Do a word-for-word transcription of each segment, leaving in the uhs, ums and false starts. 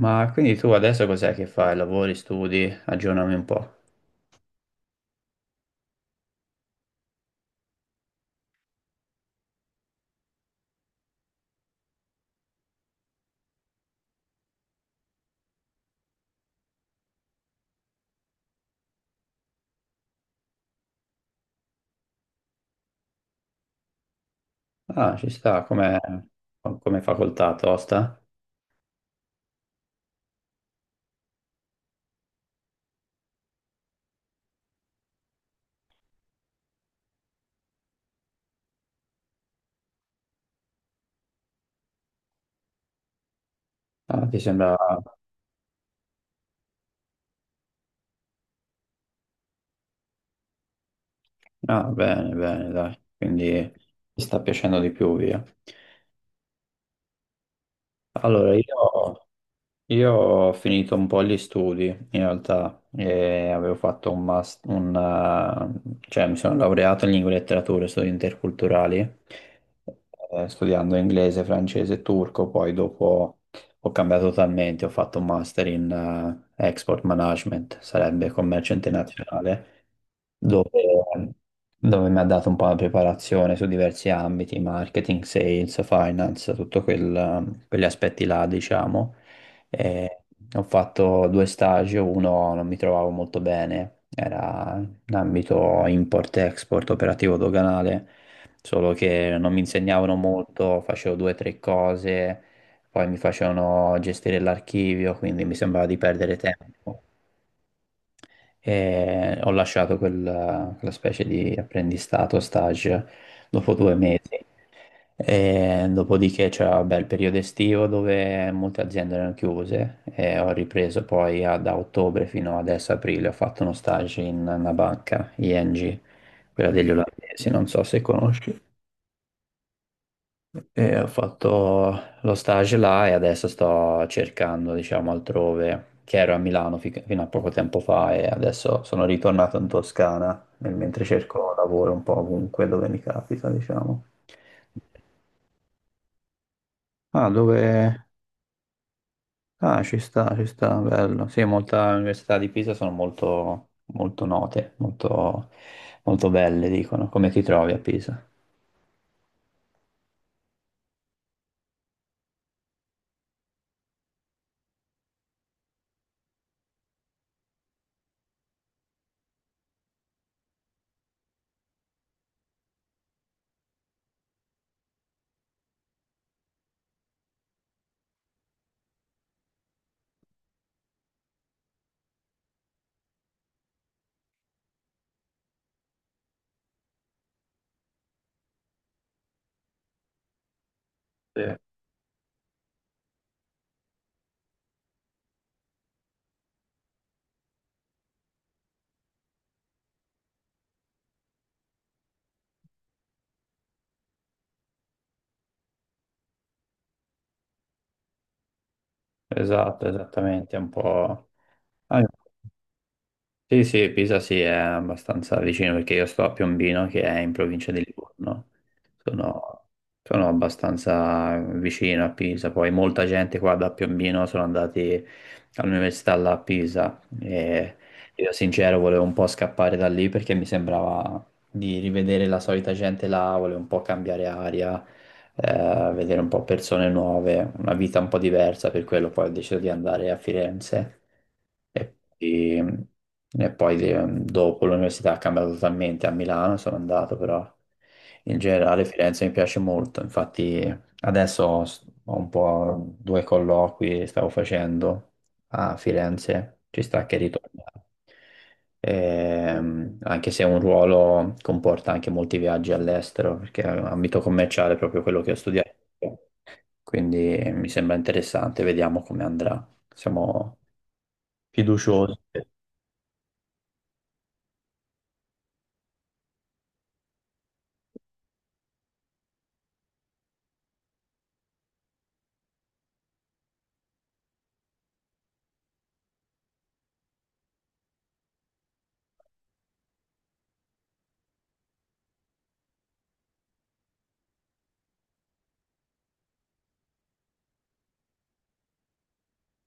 Ma quindi tu adesso cos'è che fai? Lavori, studi? Aggiornami un po'. Ah, ci sta, come, come facoltà, tosta? Ah, ti sembra. Ah, bene, bene, dai. Quindi ti sta piacendo di più, via. Allora, io. Io ho finito un po' gli studi in realtà e avevo fatto un master, un, eh, cioè mi sono laureato in lingue e letterature, studi interculturali, eh, studiando inglese, francese e turco, poi dopo ho cambiato totalmente, ho fatto un master in eh, export management, sarebbe commercio Mm. internazionale, dove, dove mi ha dato un po' la preparazione su diversi ambiti, marketing, sales, finance, tutto quel- quegli aspetti là, diciamo. E ho fatto due stage, uno non mi trovavo molto bene, era in ambito import-export, operativo doganale, solo che non mi insegnavano molto, facevo due o tre cose, poi mi facevano gestire l'archivio, quindi mi sembrava di perdere tempo e ho lasciato quel- quella specie di apprendistato, stage, dopo due mesi. E dopodiché c'era vabbè, il periodo estivo dove molte aziende erano chiuse e ho ripreso poi a- da ottobre fino adesso aprile. Ho fatto uno stage in una banca, I N G, quella degli olandesi, non so se conosci. E ho fatto lo stage là e adesso sto cercando, diciamo, altrove, che ero a Milano fi- fino a poco tempo fa e adesso sono ritornato in Toscana, nel mentre cerco lavoro un po' ovunque dove mi capita, diciamo. Ah, dove. Ah, ci sta, ci sta, bello. Sì, molte università di Pisa sono molto, molto note, molto, molto belle, dicono. Come ti trovi a Pisa? Sì. Esatto, esattamente, è un po'. Ah, sì, sì, Pisa sì, è abbastanza vicino perché io sto a Piombino che è in provincia di Livorno. Sono, sono abbastanza vicino a Pisa, poi molta gente qua da Piombino sono andati all'università là a Pisa e io sincero volevo un po' scappare da lì perché mi sembrava di rivedere la solita gente là, volevo un po' cambiare aria, eh, vedere un po' persone nuove, una vita un po' diversa, per quello poi ho deciso di andare a Firenze e, e- e poi de- dopo l'università ha cambiato totalmente, a Milano sono andato però in generale Firenze mi piace molto, infatti adesso ho, ho un po' due colloqui che stavo facendo a Firenze, ci sta che ritorno ehm, anche se un ruolo comporta anche molti viaggi all'estero, perché è un ambito commerciale è proprio quello che ho studiato. Quindi eh, mi sembra interessante, vediamo come andrà. Siamo fiduciosi.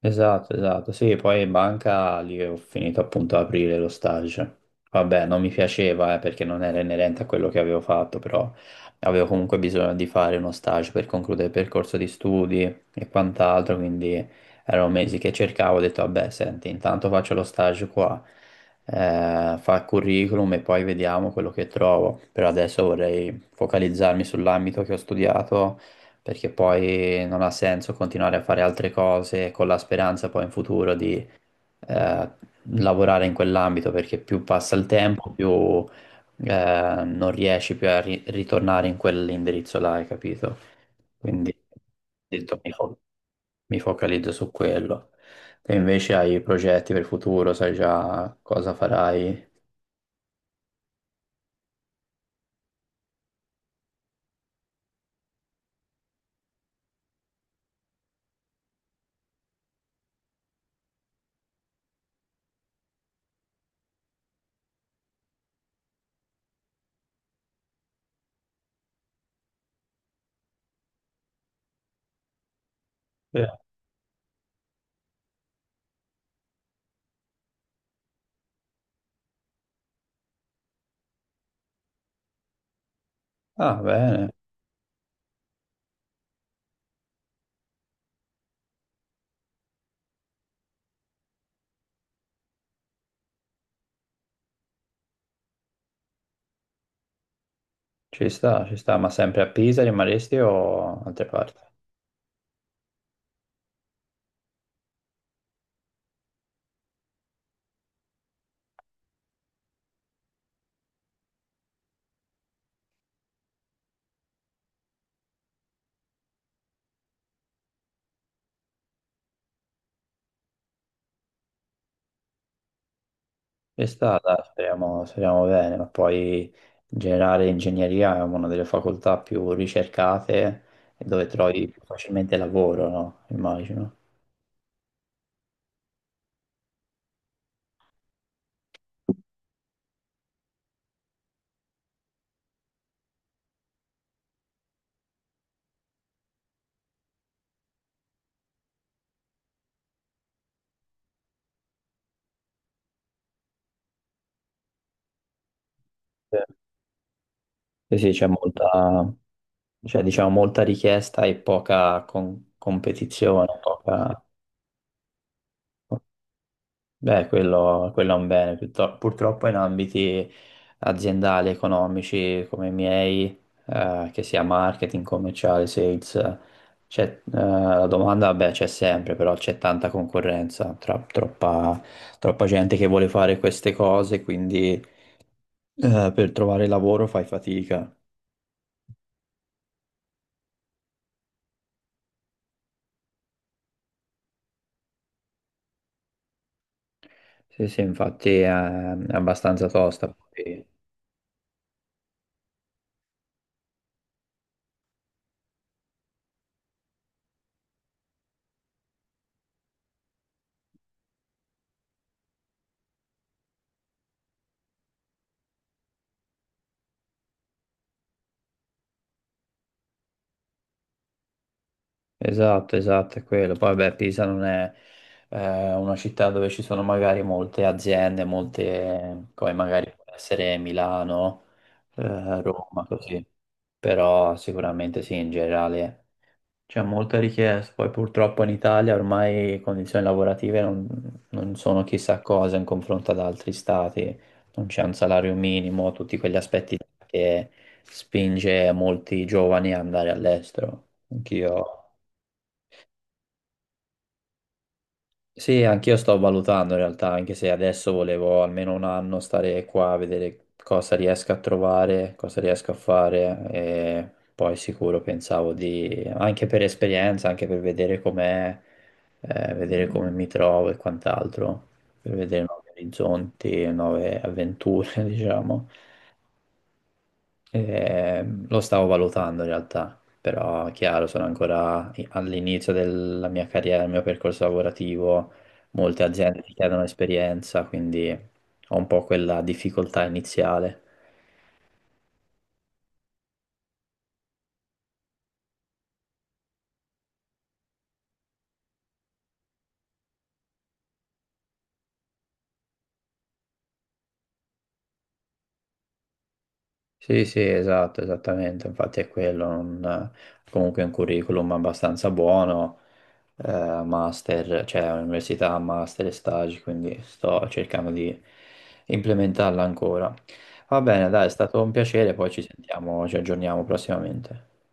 Esatto, esatto. Sì, poi in banca lì ho finito appunto ad aprire lo stage. Vabbè, non mi piaceva, eh, perché non era inerente a quello che avevo fatto, però avevo comunque bisogno di fare uno stage per concludere il percorso di studi e quant'altro, quindi erano mesi che cercavo, ho detto, vabbè, senti, intanto faccio lo stage qua, eh, fa il curriculum e poi vediamo quello che trovo. Per adesso vorrei focalizzarmi sull'ambito che ho studiato perché poi non ha senso continuare a fare altre cose con la speranza poi in futuro di eh, lavorare in quell'ambito, perché più passa il tempo, più eh, non riesci più a ri- ritornare in quell'indirizzo là, hai capito? Quindi ho detto, mi fo- mi focalizzo su quello. Te invece hai progetti per il futuro, sai già cosa farai? Ah, bene, ci sta, ci sta, ma sempre a Pisa rimarresti o altre parti? Ci sta, dai, speriamo, speriamo bene, ma poi in generale ingegneria è una delle facoltà più ricercate e dove trovi più facilmente lavoro, no? Immagino. Sì, sì, sì, c'è molta, c'è, diciamo, molta richiesta e poca con- competizione, poca. Beh, quello, quello è un bene, piutto- purtroppo in ambiti aziendali, economici come i miei, eh, che sia marketing, commerciale, sales, eh, c'è, eh, la domanda, vabbè, c'è sempre, però c'è tanta concorrenza, tra- troppa, troppa gente che vuole fare queste cose, quindi, eh, per trovare lavoro fai fatica. Sì, sì, infatti è, è abbastanza tosta. Esatto, esatto, è quello. Poi, vabbè, Pisa non è eh, una città dove ci sono magari molte aziende, molte, come magari può essere Milano, eh, Roma, così. Però sicuramente sì, in generale c'è molta richiesta. Poi purtroppo in Italia ormai condizioni lavorative non, non sono chissà cosa in confronto ad altri stati. Non c'è un salario minimo, tutti quegli aspetti che spinge molti giovani ad andare all'estero. Anch'io. Sì, anch'io sto valutando in realtà, anche se adesso volevo almeno un anno stare qua a vedere cosa riesco a trovare, cosa riesco a fare e poi sicuro pensavo di, anche per esperienza, anche per vedere com'è, eh, vedere come mi trovo e quant'altro, per vedere nuovi orizzonti, nuove avventure, diciamo. Ehm, lo stavo valutando in realtà, però chiaro, sono ancora i- all'inizio della mia carriera, del mio percorso lavorativo, molte aziende ti chiedono esperienza, quindi ho un po' quella difficoltà iniziale. Sì, sì, esatto, esattamente, infatti è quello, un- comunque un curriculum abbastanza buono, eh, master, cioè università, master e stage, quindi sto cercando di implementarla ancora. Va bene, dai, è stato un piacere, poi ci sentiamo, ci aggiorniamo prossimamente.